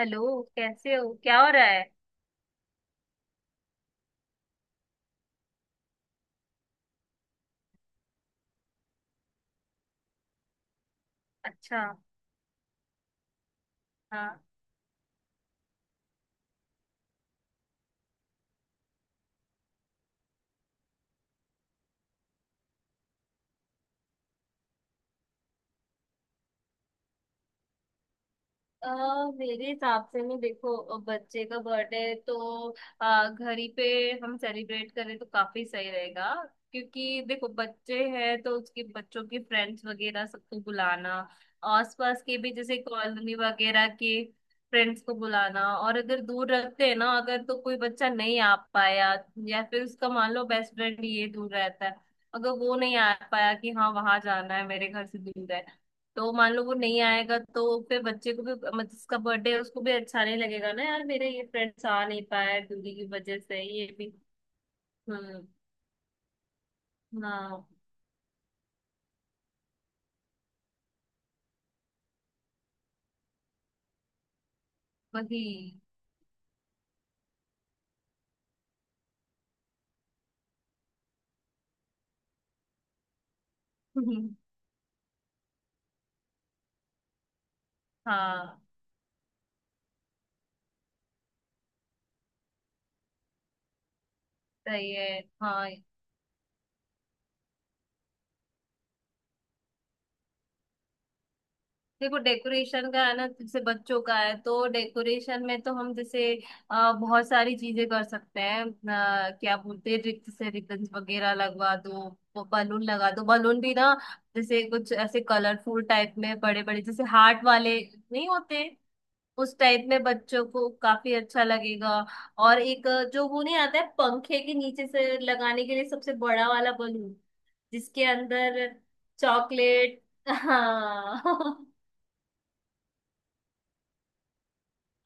Hello, कैसे हो? क्या हो रहा है? अच्छा। हाँ। अ, मेरे हिसाब से ना देखो, बच्चे का बर्थडे है तो घर ही पे हम सेलिब्रेट करें तो काफी सही रहेगा। क्योंकि देखो, बच्चे हैं तो उसके बच्चों के फ्रेंड्स वगैरह सबको बुलाना, आसपास के भी जैसे कॉलोनी वगैरह के फ्रेंड्स को बुलाना। और अगर दूर रखते हैं ना, अगर तो कोई बच्चा नहीं आ पाया, या फिर उसका मान लो बेस्ट फ्रेंड ये दूर रहता है, अगर वो नहीं आ पाया कि हाँ वहां जाना है, मेरे घर से दूर है, तो मान लो वो नहीं आएगा, तो फिर बच्चे को भी मतलब जिसका बर्थडे है उसको भी अच्छा नहीं लगेगा ना, यार मेरे ये फ्रेंड्स आ नहीं पाए दूरी की वजह से, ये भी। हम्म। हाँ, वही। हाँ, सही है। हाँ। देखो, डेकोरेशन का है ना, जैसे बच्चों का है तो डेकोरेशन में तो हम जैसे बहुत सारी चीजें कर सकते हैं। क्या बोलते हैं, रिक्त से रिबन्स वगैरह लगवा दो, बलून लगा दो। बलून भी ना जैसे कुछ ऐसे कलरफुल टाइप में, बड़े बड़े जैसे हार्ट वाले नहीं होते, उस टाइप में बच्चों को काफी अच्छा लगेगा। और एक जो वो नहीं आता है पंखे के नीचे से लगाने के लिए सबसे बड़ा वाला बलून, जिसके अंदर चॉकलेट। हाँ।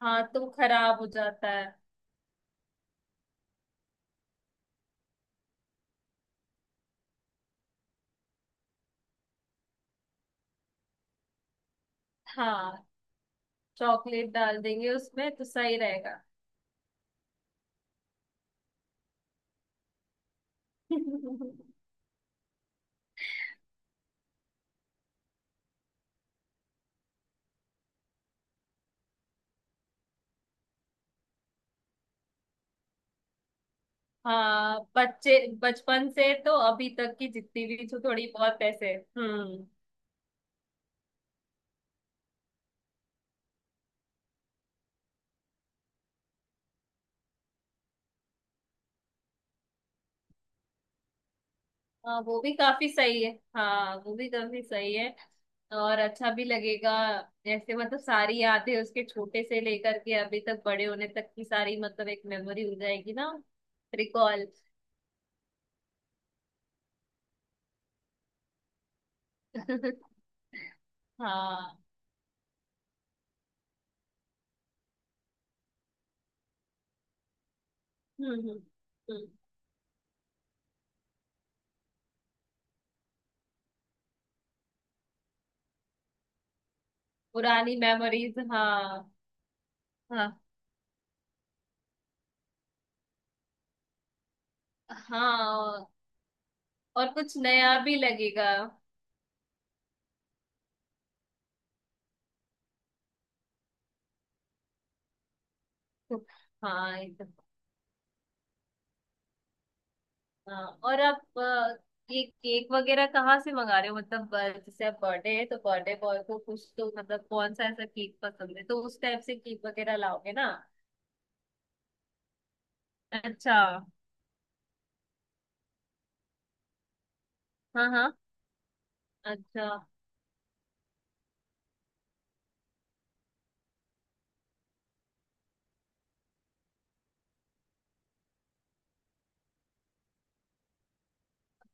हाँ, तो वो खराब हो जाता है। हाँ, चॉकलेट डाल देंगे उसमें तो सही रहेगा। हाँ, बच्चे बचपन से तो अभी तक की जितनी भी थोड़ी बहुत पैसे। हम्म। हाँ, वो भी काफी सही है। हाँ वो भी काफी सही है, और अच्छा भी लगेगा। जैसे मतलब सारी यादें उसके छोटे से लेकर के अभी तक बड़े होने तक की सारी, मतलब एक मेमोरी हो जाएगी ना। रिकॉल। हाँ। हम्म हम्म हम्म। पुरानी मेमोरीज, हाँ। हाँ। हाँ। और कुछ नया भी लगेगा। हाँ, एकदम। हाँ और आप ये केक वगैरह कहाँ से मंगा रहे हो? मतलब जैसे आप, बर्थडे है तो बर्थडे बॉय को कुछ तो मतलब कौन सा ऐसा केक पसंद है तो उस टाइप से केक वगैरह लाओगे ना? अच्छा। हाँ हाँ। अच्छा।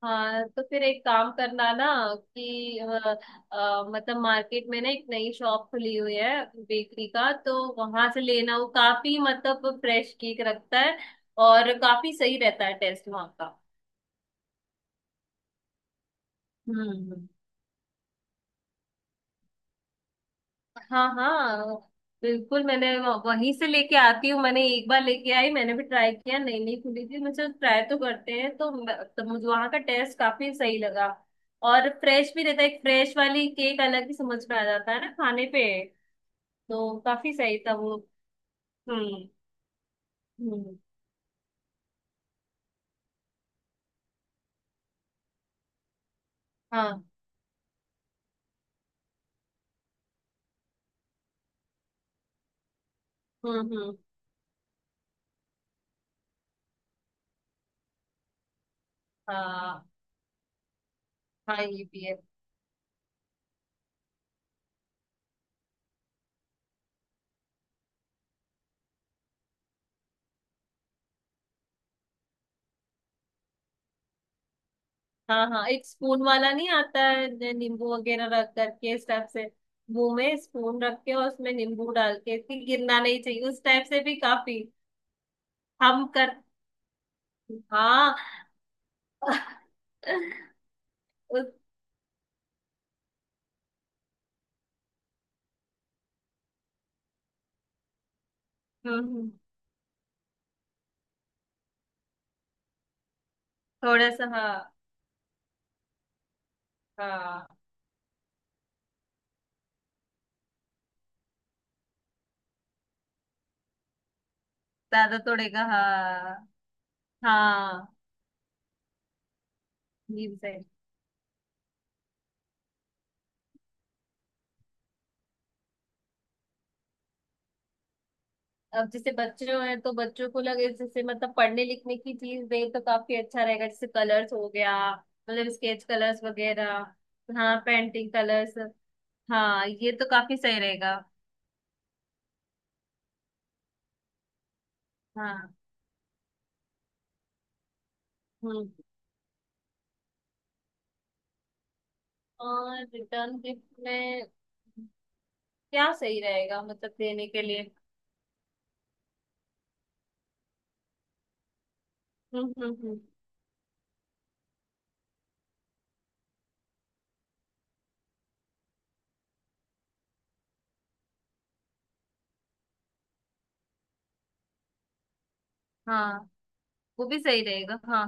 हाँ, तो फिर एक काम करना ना कि मतलब मार्केट में ना एक नई शॉप खुली हुई है बेकरी का, तो वहां से लेना, वो काफी मतलब फ्रेश केक रखता है, और काफी सही रहता है टेस्ट वहां का। हम्म हम्म। हाँ हाँ, बिल्कुल। मैंने वहीं से लेके आती हूँ, मैंने एक बार लेके आई, मैंने भी ट्राई किया, नई नई खुली थी, मुझे ट्राई तो करते हैं, तो मुझे वहाँ का टेस्ट काफी सही लगा। और फ्रेश भी रहता है, एक फ्रेश वाली केक अलग ही समझ में आ जाता है ना खाने पे। तो काफी सही था वो। हम्म हम्म। हाँ। हम्म। हाँ, हाँ, ये भी है। हाँ हाँ, एक स्पून वाला नहीं आता है जो नींबू वगैरह रख करके, इस टाइप से मुंह में स्पून रख के और उसमें नींबू डाल के कि गिरना नहीं चाहिए, उस टाइप से भी काफी। हम कर। हाँ। उस। हम्म हम्म, थोड़ा सा हाँ। हाँ, ज्यादा तोड़ेगा, हाँ। हाँ, ये भी सही। अब जैसे बच्चों हैं तो बच्चों को लगे जैसे मतलब पढ़ने लिखने की चीज दे तो काफी अच्छा रहेगा, जैसे कलर्स हो गया, मतलब स्केच कलर्स वगैरह। हाँ पेंटिंग कलर्स। हाँ, ये तो काफी सही रहेगा। हाँ। हम्म। और रिटर्न गिफ्ट में क्या सही रहेगा मतलब देने के लिए? हम्म। हाँ, वो भी सही रहेगा। हाँ।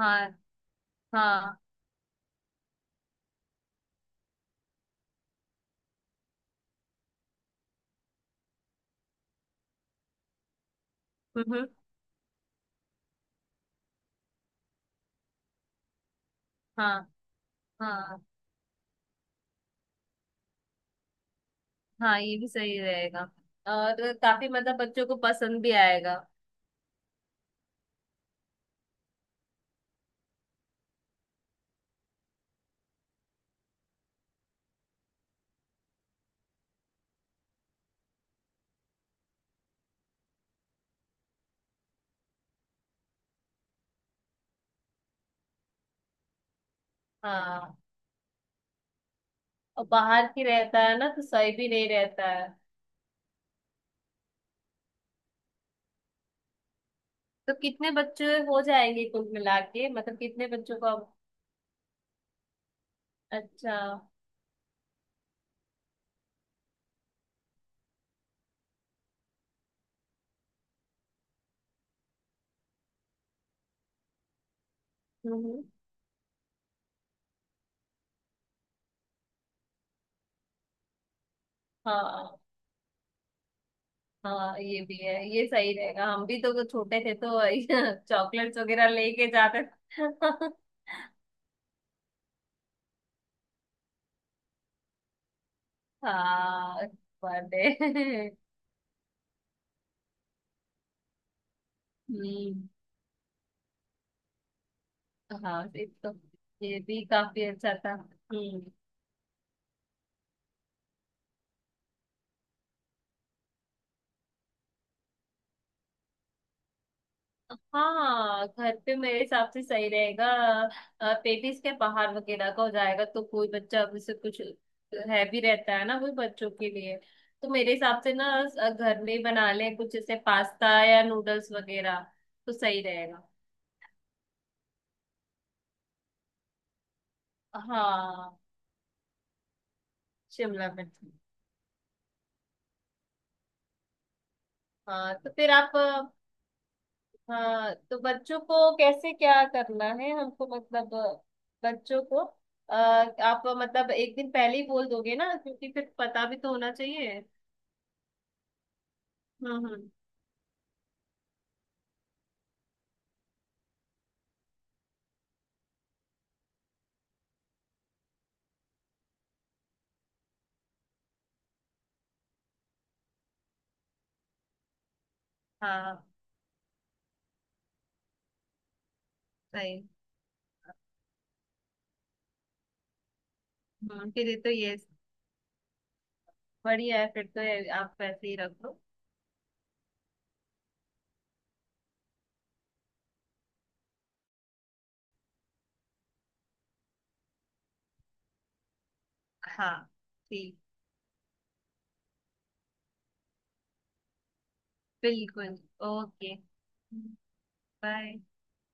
हाँ। हाँ। हम्म हम्म, हाँ। हाँ। हाँ ये भी सही रहेगा, और काफी मतलब बच्चों को पसंद भी आएगा। हाँ, और बाहर की रहता है ना तो सही भी नहीं रहता है। तो कितने बच्चे हो जाएंगे कुल मिला के, मतलब कितने बच्चों को अब? अच्छा। हम्म हम्म। हाँ हाँ ये भी है, ये सही रहेगा। हम भी तो छोटे थे तो चॉकलेट्स वगैरह लेके जाते थे। हाँ, बर्थडे। हम्म। हाँ, ये तो ये भी काफी अच्छा था। हम्म। हाँ, घर पे मेरे हिसाब से सही रहेगा। पेटिस के बाहर वगैरह का हो जाएगा तो कोई बच्चा जैसे कुछ हैवी रहता है ना वो बच्चों के लिए। तो मेरे हिसाब से ना घर में ही बना लें कुछ जैसे पास्ता या नूडल्स वगैरह, तो सही रहेगा। हाँ, शिमला मिर्च। हाँ तो फिर आप हाँ तो बच्चों को कैसे क्या करना है हमको, मतलब बच्चों को अ, आप मतलब एक दिन पहले ही बोल दोगे ना, क्योंकि फिर पता भी तो होना चाहिए। हम्म हम्म, हाँ, सही। फिर ये तो ये बढ़िया है, फिर तो ये आप वैसे ही रखो। हाँ। ठीक। बिल्कुल। ओके। बाय।